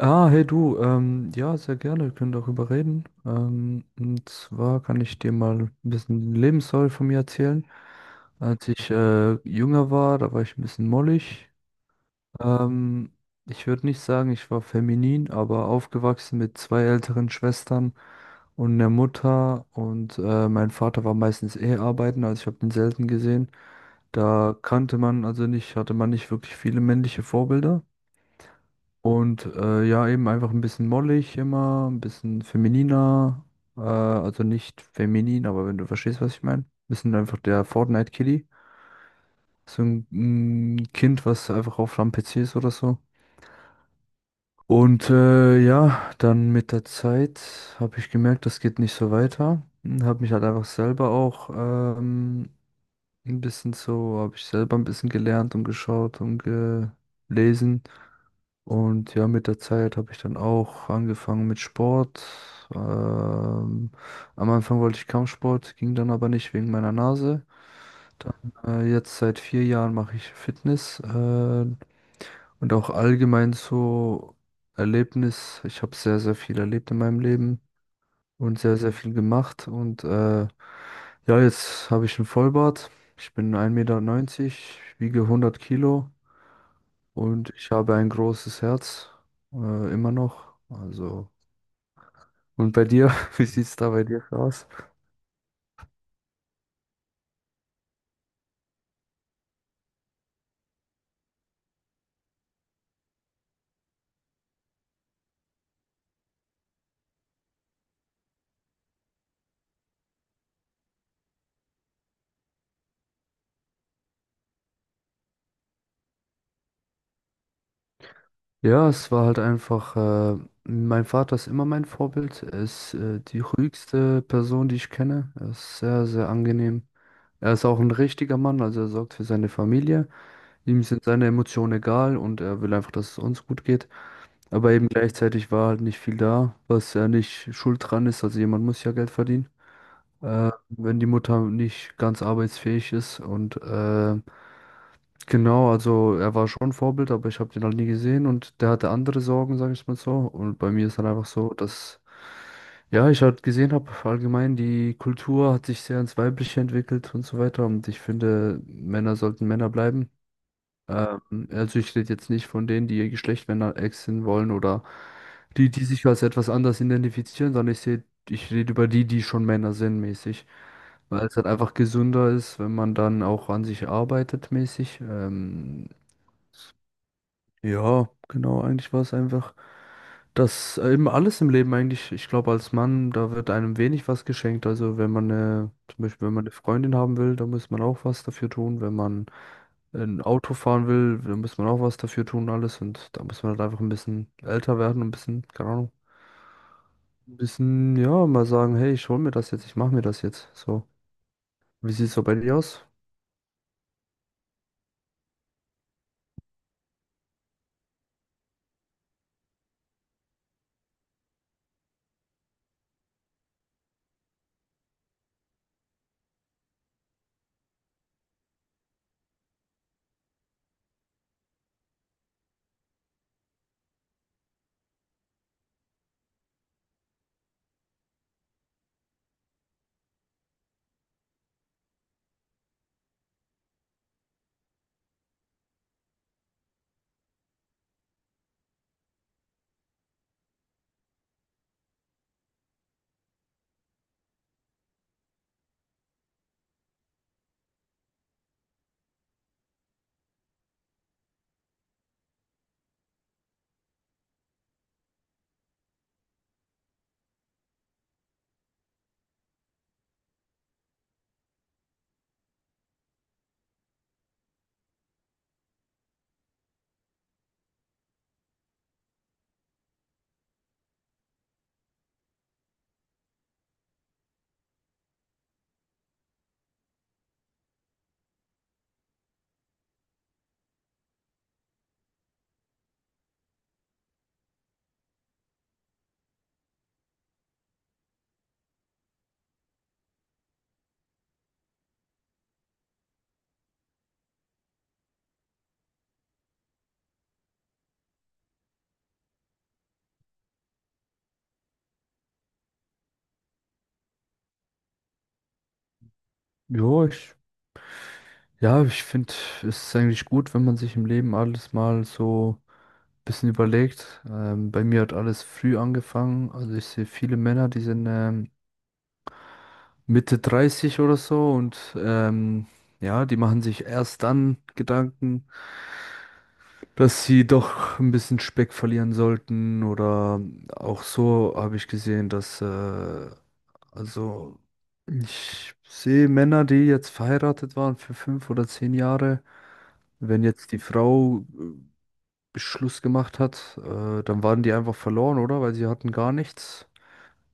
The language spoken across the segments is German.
Ah, hey du, ja, sehr gerne, wir können darüber reden. Und zwar kann ich dir mal ein bisschen Lebensstory von mir erzählen. Als ich jünger war, da war ich ein bisschen mollig. Ähm, Ich würde nicht sagen, ich war feminin, aber aufgewachsen mit zwei älteren Schwestern und einer Mutter. Und mein Vater war meistens eh arbeiten, also ich habe ihn selten gesehen. Da kannte man also nicht, hatte man nicht wirklich viele männliche Vorbilder. Und ja, eben einfach ein bisschen mollig immer, ein bisschen femininer. Also nicht feminin, aber wenn du verstehst, was ich meine. Wir sind einfach der fortnite kitty. So ein Kind, was einfach auf am PC ist oder so. Und ja, dann mit der Zeit habe ich gemerkt, das geht nicht so weiter. Habe mich halt einfach selber auch ein bisschen so, habe ich selber ein bisschen gelernt und geschaut und gelesen. Und ja, mit der Zeit habe ich dann auch angefangen mit Sport. Ähm, Am Anfang wollte ich Kampfsport, ging dann aber nicht wegen meiner Nase. Jetzt seit 4 Jahren mache ich Fitness. Und auch allgemein so Erlebnis. Ich habe sehr, sehr viel erlebt in meinem Leben und sehr, sehr viel gemacht. Und ja, jetzt habe ich einen Vollbart. Ich bin 1,90 Meter, wiege 100 Kilo. Und ich habe ein großes Herz, immer noch. Also, und bei dir, wie sieht's da bei dir aus? Ja, es war halt einfach, mein Vater ist immer mein Vorbild. Er ist, die ruhigste Person, die ich kenne. Er ist sehr, sehr angenehm. Er ist auch ein richtiger Mann, also er sorgt für seine Familie. Ihm sind seine Emotionen egal und er will einfach, dass es uns gut geht. Aber eben gleichzeitig war halt nicht viel da, was ja nicht schuld dran ist. Also jemand muss ja Geld verdienen, wenn die Mutter nicht ganz arbeitsfähig ist. Und genau, also er war schon Vorbild, aber ich habe den halt nie gesehen und der hatte andere Sorgen, sage ich mal so. Und bei mir ist dann einfach so, dass ja, ich halt gesehen habe, allgemein die Kultur hat sich sehr ins Weibliche entwickelt und so weiter. Und ich finde, Männer sollten Männer bleiben. Ähm, also ich rede jetzt nicht von denen, die ihr Geschlecht wechseln wollen oder die, die sich als etwas anders identifizieren, sondern ich rede über die, die schon Männer sind, mäßig. Weil es halt einfach gesünder ist, wenn man dann auch an sich arbeitet, mäßig. Ja, genau, eigentlich war es einfach, dass eben alles im Leben eigentlich, ich glaube, als Mann, da wird einem wenig was geschenkt. Also wenn man eine, zum Beispiel, wenn man eine Freundin haben will, da muss man auch was dafür tun. Wenn man ein Auto fahren will, da muss man auch was dafür tun, alles. Und da muss man halt einfach ein bisschen älter werden, ein bisschen, keine Ahnung, ein bisschen, ja, mal sagen, hey, ich hol mir das jetzt, ich mach mir das jetzt. So, wie sieht's so bei dir aus? Ja, ich, ja, ich finde, es ist eigentlich gut, wenn man sich im Leben alles mal so bisschen überlegt. Bei mir hat alles früh angefangen. Also ich sehe viele Männer, die sind Mitte 30 oder so und ja, die machen sich erst dann Gedanken, dass sie doch ein bisschen Speck verlieren sollten oder auch so habe ich gesehen, dass also ich sehe Männer, die jetzt verheiratet waren für 5 oder 10 Jahre. Wenn jetzt die Frau Schluss gemacht hat, dann waren die einfach verloren, oder? Weil sie hatten gar nichts.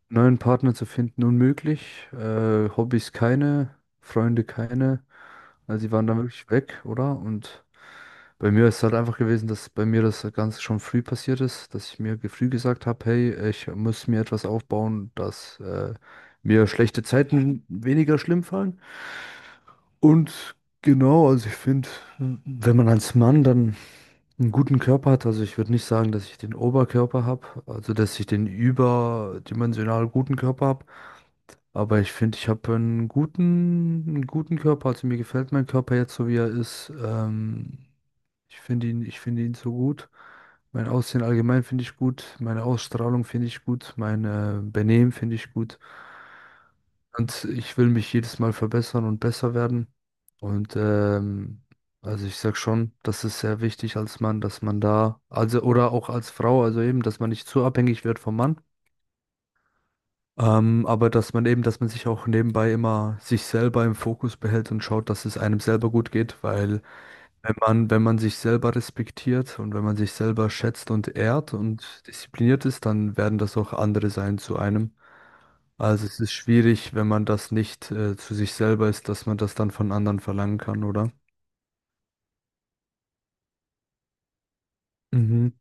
Neuen Partner zu finden unmöglich, Hobbys keine, Freunde keine. Also die waren dann wirklich weg, oder? Und bei mir ist es halt einfach gewesen, dass bei mir das Ganze schon früh passiert ist, dass ich mir früh gesagt habe, hey, ich muss mir etwas aufbauen, dass mir schlechte Zeiten weniger schlimm fallen. Und genau, also ich finde, wenn man als Mann dann einen guten Körper hat, also ich würde nicht sagen, dass ich den Oberkörper habe, also dass ich den überdimensional guten Körper habe. Aber ich finde, ich habe einen guten Körper. Also mir gefällt mein Körper jetzt so, wie er ist. Ich finde ihn, ich finde ihn so gut. Mein Aussehen allgemein finde ich gut. Meine Ausstrahlung finde ich gut. Mein Benehmen finde ich gut. Und ich will mich jedes Mal verbessern und besser werden. Und also ich sag schon, das ist sehr wichtig als Mann, dass man da, also oder auch als Frau, also eben, dass man nicht zu abhängig wird vom Mann. Aber dass man eben, dass man sich auch nebenbei immer sich selber im Fokus behält und schaut, dass es einem selber gut geht, weil wenn man sich selber respektiert und wenn man sich selber schätzt und ehrt und diszipliniert ist, dann werden das auch andere sein zu einem. Also es ist schwierig, wenn man das nicht zu sich selber ist, dass man das dann von anderen verlangen kann, oder? Mhm.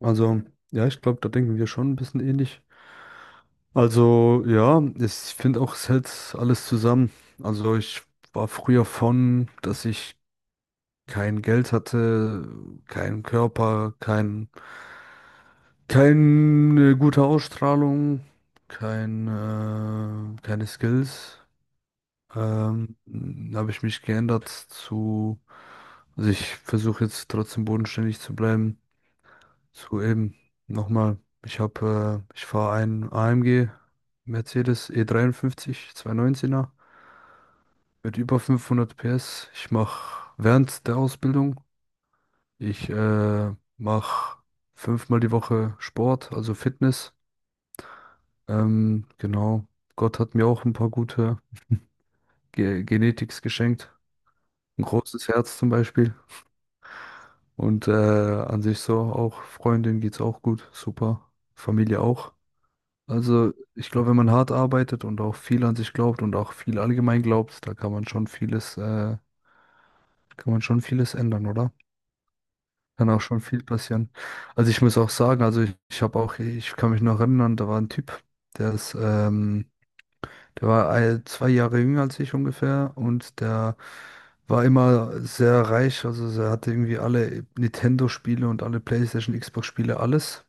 Also ja, ich glaube, da denken wir schon ein bisschen ähnlich. Also ja, ich finde auch, es hält alles zusammen. Also ich war früher von, dass ich kein Geld hatte, keinen Körper, kein, keine gute Ausstrahlung, kein, keine Skills. Ähm, Habe ich mich geändert zu, also ich versuche jetzt trotzdem bodenständig zu bleiben. So eben, nochmal, ich habe, ich fahre einen AMG Mercedes E53 219er mit über 500 PS. Ich mache während der Ausbildung, ich mache fünfmal die Woche Sport, also Fitness. Genau, Gott hat mir auch ein paar gute Ge Genetics geschenkt. Ein großes Herz zum Beispiel. Und an sich so auch, Freundin geht's auch gut, super. Familie auch. Also, ich glaube, wenn man hart arbeitet und auch viel an sich glaubt und auch viel allgemein glaubt, da kann man schon vieles ändern, oder? Kann auch schon viel passieren. Also ich muss auch sagen, also ich habe auch, ich kann mich noch erinnern, da war ein Typ, der ist, ähm, der war 2 Jahre jünger als ich ungefähr und der war immer sehr reich, also er hatte irgendwie alle Nintendo-Spiele und alle PlayStation, Xbox-Spiele, alles.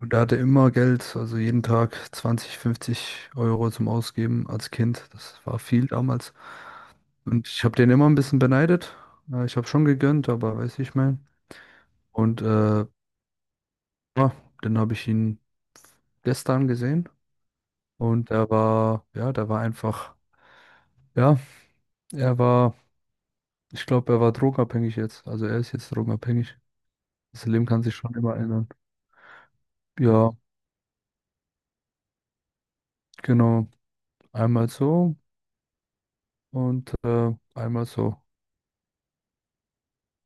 Und er hatte immer Geld, also jeden Tag 20, 50 € zum Ausgeben als Kind. Das war viel damals. Und ich habe den immer ein bisschen beneidet. Ich habe schon gegönnt, aber weiß ich mein. Und ja, dann habe ich ihn gestern gesehen. Und er war, ja, der war einfach, ja, er war, ich glaube, er war drogenabhängig jetzt. Also er ist jetzt drogenabhängig. Das Leben kann sich schon immer ändern. Ja, genau. Einmal so und einmal so.